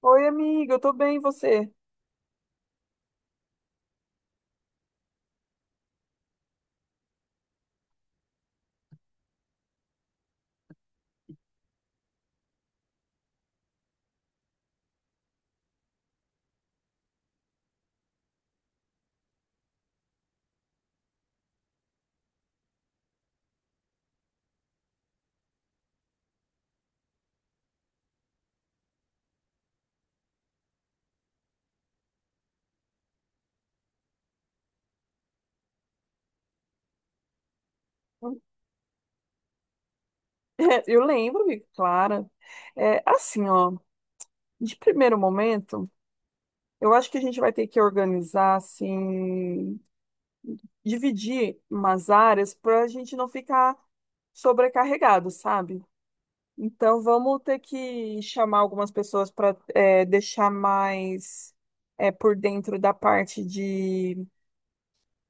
Oi, amiga, eu tô bem, e você? Eu lembro, amiga, Clara. É, assim, ó, de primeiro momento, eu acho que a gente vai ter que organizar, assim, dividir umas áreas para a gente não ficar sobrecarregado, sabe? Então vamos ter que chamar algumas pessoas para deixar mais por dentro da parte de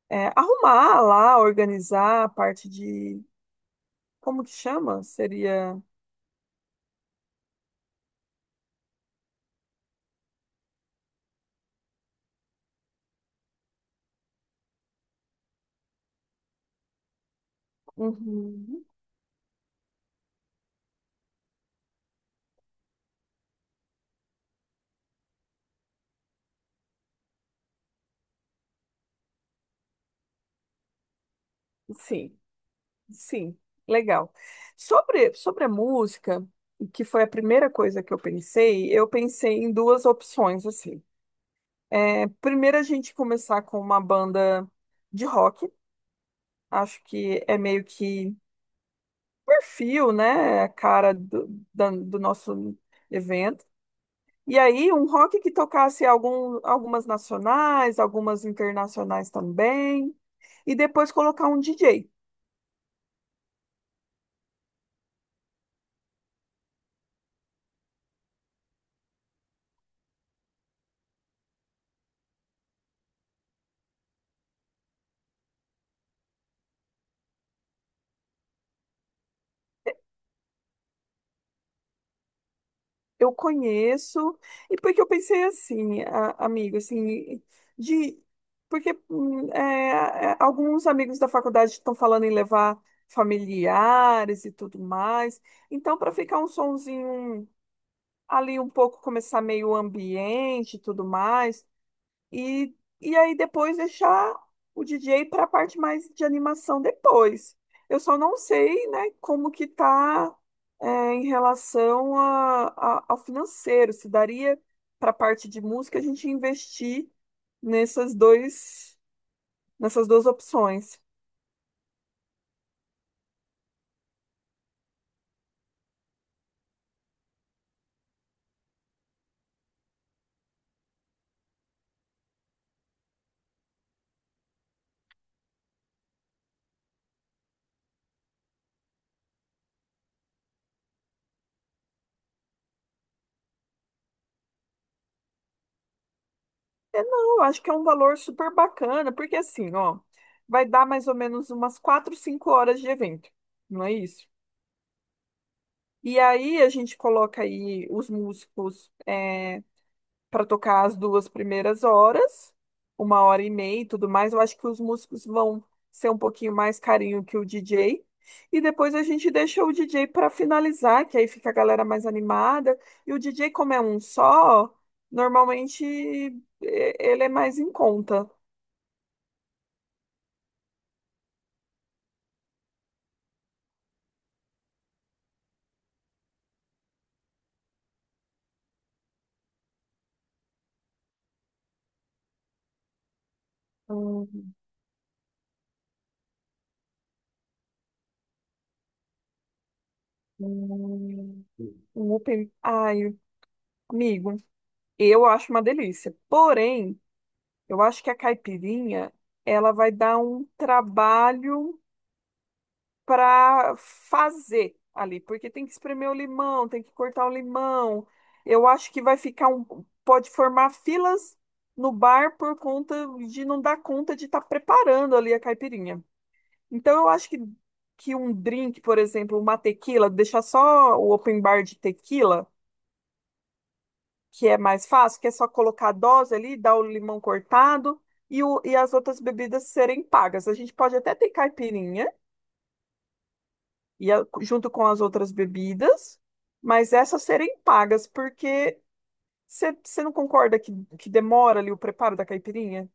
arrumar lá, organizar a parte de como que chama? Seria. Uhum. Sim, sim, legal. Sobre a música, que foi a primeira coisa que eu pensei em duas opções assim. É, primeiro a gente começar com uma banda de rock. Acho que é meio que perfil, né? A cara do nosso evento. E aí, um rock que tocasse algumas nacionais, algumas internacionais também. E depois colocar um DJ. Eu conheço, e porque eu pensei assim, amigo, assim, de porque alguns amigos da faculdade estão falando em levar familiares e tudo mais. Então, para ficar um sonzinho ali um pouco, começar meio ambiente e tudo mais, e, e aí depois deixar o DJ para a parte mais de animação depois. Eu só não sei, né, como que tá é, em relação ao financeiro, se daria para a parte de música a gente investir nessas dois, nessas duas opções. É, não, eu acho que é um valor super bacana, porque assim, ó, vai dar mais ou menos umas quatro, cinco horas de evento, não é isso? E aí a gente coloca aí os músicos para tocar as duas primeiras horas, uma hora e meia e tudo mais. Eu acho que os músicos vão ser um pouquinho mais carinho que o DJ. E depois a gente deixa o DJ para finalizar, que aí fica a galera mais animada. E o DJ, como é um só, normalmente e- ele é mais em conta. Hum, hum, Um open... Ai, amigo, eu acho uma delícia. Porém, eu acho que a caipirinha, ela vai dar um trabalho para fazer ali, porque tem que espremer o limão, tem que cortar o limão. Eu acho que vai ficar pode formar filas no bar por conta de não dar conta de estar preparando ali a caipirinha. Então eu acho que um drink, por exemplo, uma tequila, deixar só o open bar de tequila, que é mais fácil, que é só colocar a dose ali, dar o limão cortado e as outras bebidas serem pagas. A gente pode até ter caipirinha e junto com as outras bebidas, mas essas serem pagas, porque você não concorda que demora ali o preparo da caipirinha?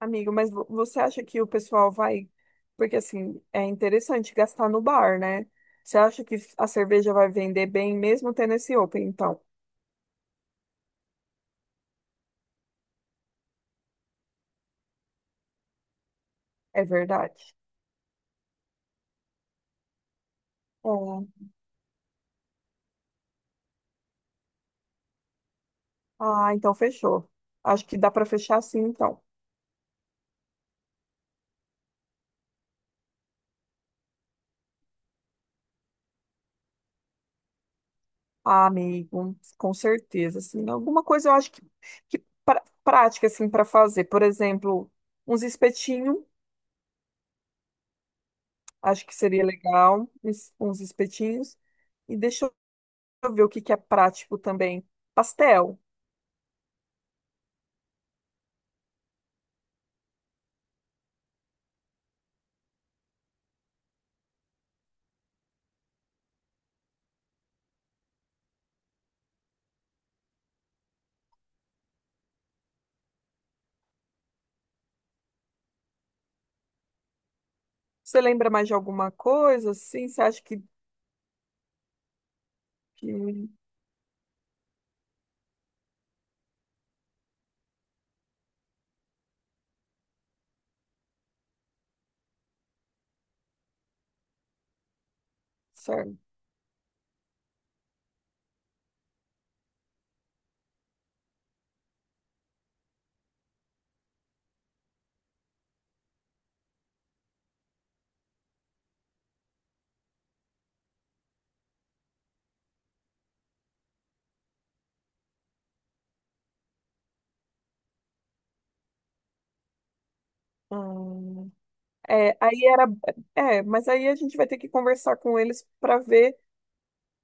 Amigo, mas você acha que o pessoal vai. Porque assim, é interessante gastar no bar, né? Você acha que a cerveja vai vender bem mesmo tendo esse open? Então, é verdade. É. Ah, então fechou. Acho que dá para fechar assim, então. Ah, amigo, com certeza, assim, alguma coisa eu acho que prática, assim, para fazer, por exemplo, uns espetinhos, acho que seria legal, uns espetinhos, e deixa eu ver o que que é prático também, pastel, você lembra mais de alguma coisa, assim, você acha que certo. Hum, é, aí era, é, mas aí a gente vai ter que conversar com eles para ver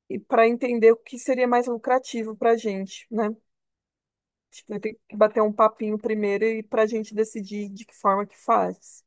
e para entender o que seria mais lucrativo para a gente, né? Acho que vai ter que bater um papinho primeiro e para a gente decidir de que forma que faz.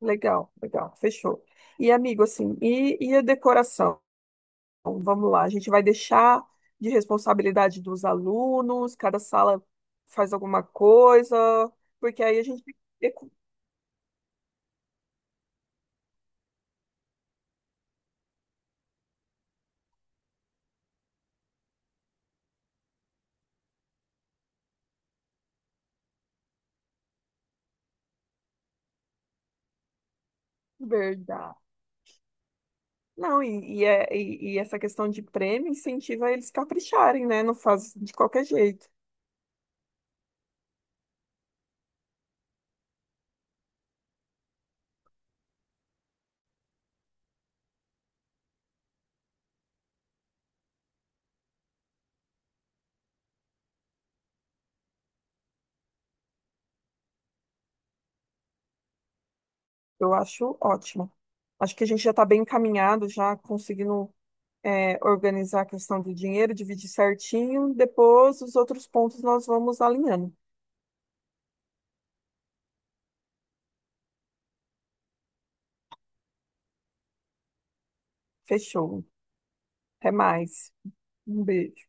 Legal, legal, fechou. E amigo, assim, e a decoração? Vamos lá, a gente vai deixar de responsabilidade dos alunos, cada sala faz alguma coisa, porque aí a gente é verdade. Não, e essa questão de prêmio incentiva eles capricharem, né? Não faz de qualquer jeito. Eu acho ótimo. Acho que a gente já está bem encaminhado, já conseguindo organizar a questão do dinheiro, dividir certinho. Depois, os outros pontos nós vamos alinhando. Fechou. Até mais. Um beijo.